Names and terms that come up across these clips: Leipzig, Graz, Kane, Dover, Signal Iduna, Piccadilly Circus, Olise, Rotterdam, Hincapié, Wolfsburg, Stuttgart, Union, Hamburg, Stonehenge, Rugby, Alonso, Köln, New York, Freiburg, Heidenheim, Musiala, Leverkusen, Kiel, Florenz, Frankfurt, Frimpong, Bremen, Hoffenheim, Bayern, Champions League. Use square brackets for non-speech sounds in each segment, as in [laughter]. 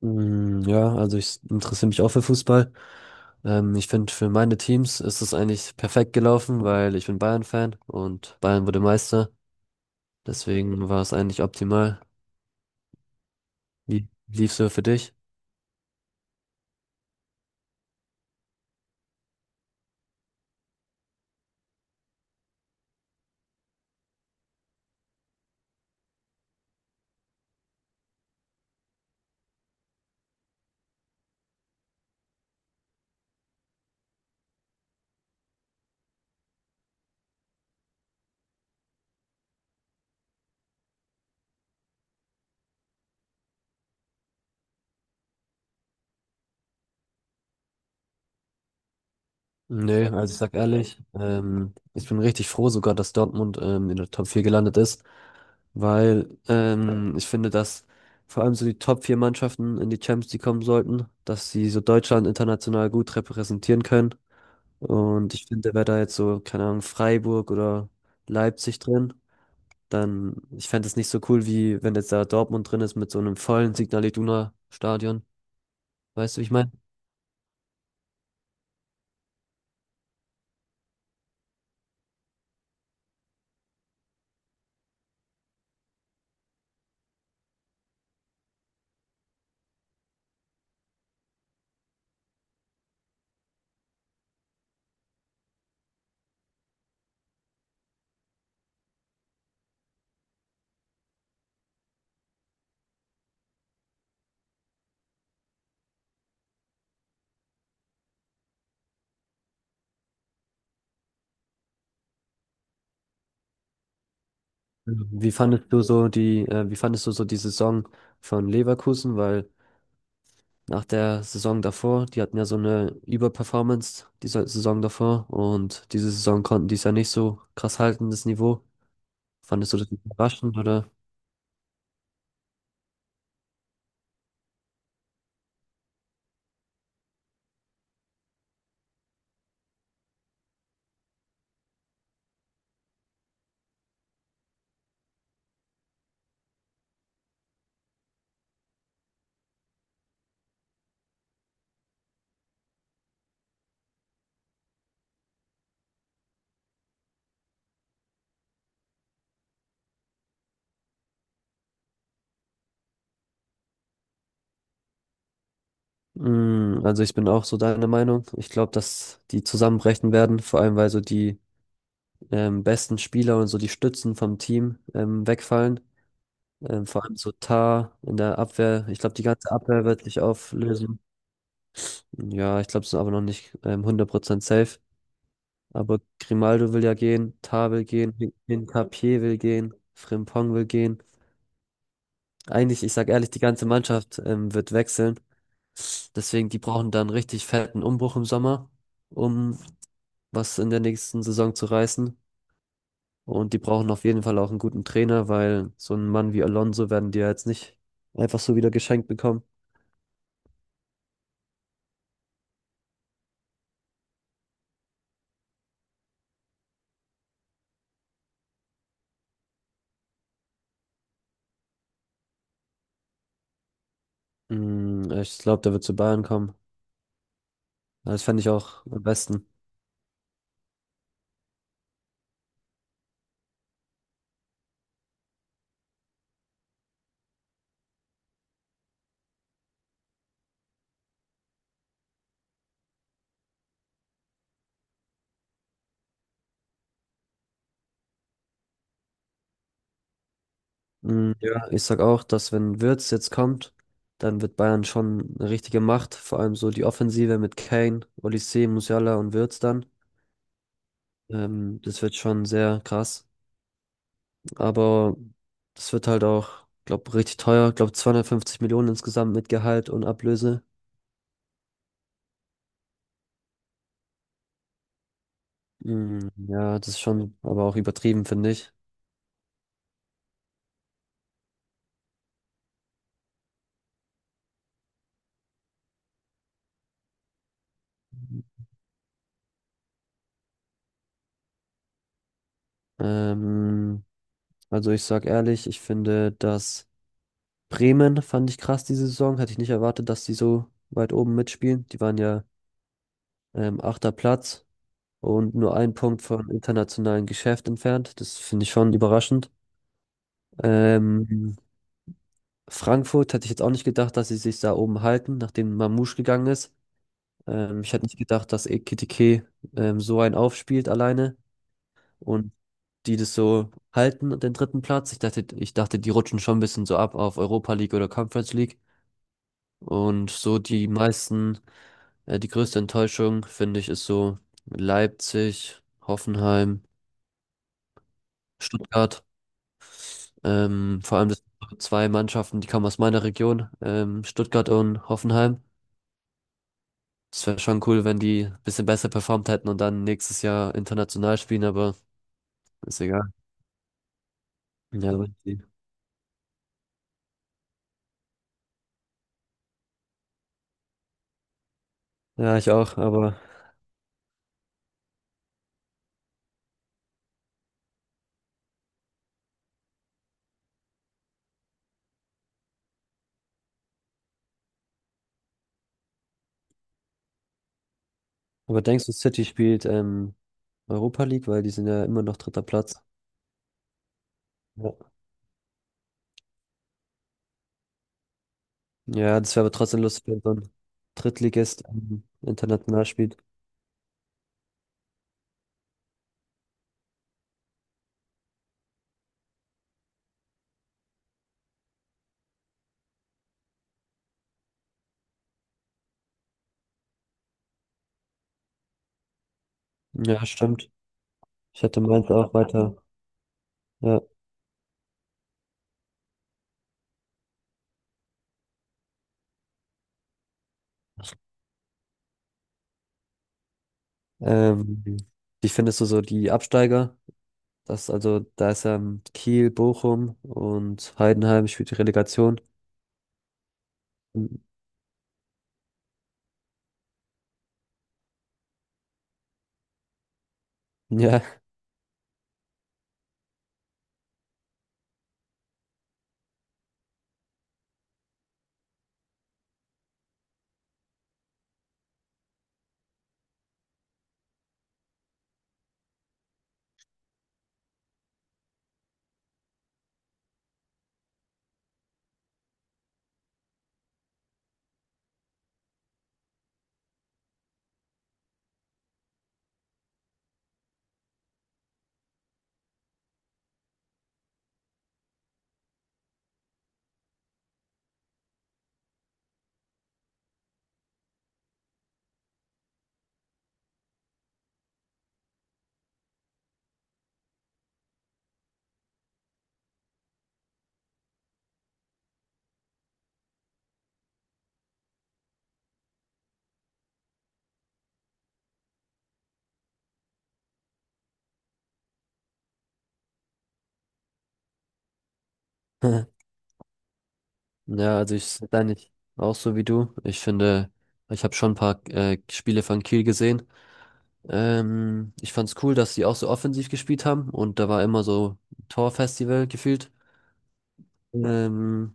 Ja, also ich interessiere mich auch für Fußball. Ich finde, für meine Teams ist es eigentlich perfekt gelaufen, weil ich bin Bayern-Fan und Bayern wurde Meister. Deswegen war es eigentlich optimal. Wie lief's so für dich? Nee, also ich sag ehrlich, ich bin richtig froh sogar, dass Dortmund in der Top 4 gelandet ist, weil ich finde, dass vor allem so die Top 4 Mannschaften in die Champions League kommen sollten, dass sie so Deutschland international gut repräsentieren können. Und ich finde, wäre da jetzt so, keine Ahnung, Freiburg oder Leipzig drin, dann, ich fände es nicht so cool, wie wenn jetzt da Dortmund drin ist mit so einem vollen Signal Iduna Stadion. Weißt du, wie ich meine? Wie fandest du so die Saison von Leverkusen? Weil nach der Saison davor, die hatten ja so eine Überperformance, diese Saison davor, und diese Saison konnten die es ja nicht so krass halten, das Niveau. Fandest du das überraschend oder? Also ich bin auch so deiner Meinung. Ich glaube, dass die zusammenbrechen werden, vor allem weil so die besten Spieler und so die Stützen vom Team wegfallen. Vor allem so Tah in der Abwehr. Ich glaube, die ganze Abwehr wird sich auflösen. Ja, ich glaube, es ist aber noch nicht 100% safe. Aber Grimaldo will ja gehen, Tah will gehen, Hincapié will gehen, Frimpong will gehen. Eigentlich, ich sag ehrlich, die ganze Mannschaft wird wechseln. Deswegen, die brauchen dann richtig fetten Umbruch im Sommer um was in der nächsten Saison zu reißen. Und die brauchen auf jeden Fall auch einen guten Trainer, weil so einen Mann wie Alonso werden die ja jetzt nicht einfach so wieder geschenkt bekommen. Ich glaube, der wird zu Bayern kommen. Das fände ich auch am besten. Ja, ich sag auch, dass wenn Wirtz jetzt kommt, dann wird Bayern schon eine richtige Macht. Vor allem so die Offensive mit Kane, Olise, Musiala und Wirtz dann. Das wird schon sehr krass. Aber das wird halt auch, glaube richtig teuer. Ich glaube 250 Millionen insgesamt mit Gehalt und Ablöse. Ja, das ist schon aber auch übertrieben, finde ich. Ähm, also ich sag ehrlich, ich finde, dass Bremen fand ich krass diese Saison. Hätte ich nicht erwartet, dass die so weit oben mitspielen. Die waren ja achter Platz und nur ein Punkt vom internationalen Geschäft entfernt. Das finde ich schon überraschend. Ähm, Frankfurt hätte ich jetzt auch nicht gedacht, dass sie sich da oben halten, nachdem Mamouche gegangen ist. Ich hätte nicht gedacht, dass Ekitike so einen aufspielt alleine und die das so halten, den dritten Platz. Ich dachte, die rutschen schon ein bisschen so ab auf Europa League oder Conference League. Und so die meisten, die größte Enttäuschung, finde ich, ist so Leipzig, Hoffenheim, Stuttgart. Vor allem das sind so zwei Mannschaften, die kommen aus meiner Region, Stuttgart und Hoffenheim. Es wäre schon cool, wenn die ein bisschen besser performt hätten und dann nächstes Jahr international spielen, aber ist egal. Ja, richtig. Ja, ich auch, aber denkst du, City spielt Europa League, weil die sind ja immer noch dritter Platz. Ja, ja, das wäre aber trotzdem lustig, wenn so ein Drittligist international spielt. Ja, stimmt. Ich hätte meins auch weiter. Ja. Ähm, wie findest du so die Absteiger? Das, also, da ist Kiel, Bochum und Heidenheim spielt die Relegation. Hm, Ja. [laughs] Ja, also ich sehe da nicht auch so wie du. Ich habe schon ein paar Spiele von Kiel gesehen. Ich fand's cool, dass sie auch so offensiv gespielt haben und da war immer so Torfestival gefühlt. Ähm,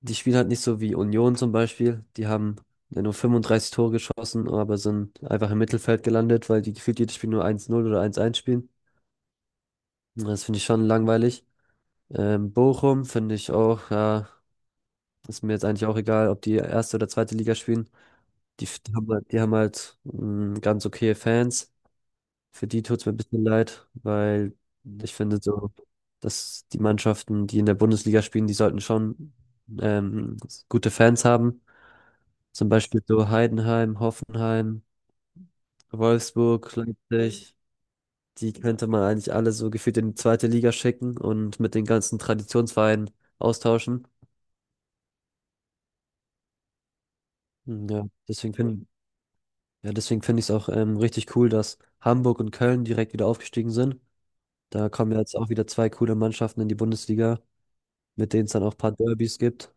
die spielen halt nicht so wie Union zum Beispiel. Die haben ja nur 35 Tore geschossen, aber sind einfach im Mittelfeld gelandet, weil die gefühlt jedes Spiel nur 1:0 oder 1:1 spielen. Das finde ich schon langweilig. Bochum finde ich auch, ja, ist mir jetzt eigentlich auch egal, ob die erste oder zweite Liga spielen. Die haben halt ganz okay Fans. Für die tut's mir ein bisschen leid, weil ich finde so, dass die Mannschaften, die in der Bundesliga spielen, die sollten schon ähm, gute Fans haben. Zum Beispiel so Heidenheim, Hoffenheim, Wolfsburg, Leipzig. Die könnte man eigentlich alle so gefühlt in die zweite Liga schicken und mit den ganzen Traditionsvereinen austauschen. Hm, Ja, deswegen finde ja, deswegen finde ich es auch richtig cool, dass Hamburg und Köln direkt wieder aufgestiegen sind. Da kommen ja jetzt auch wieder zwei coole Mannschaften in die Bundesliga, mit denen es dann auch ein paar Derbys gibt.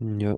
Ja.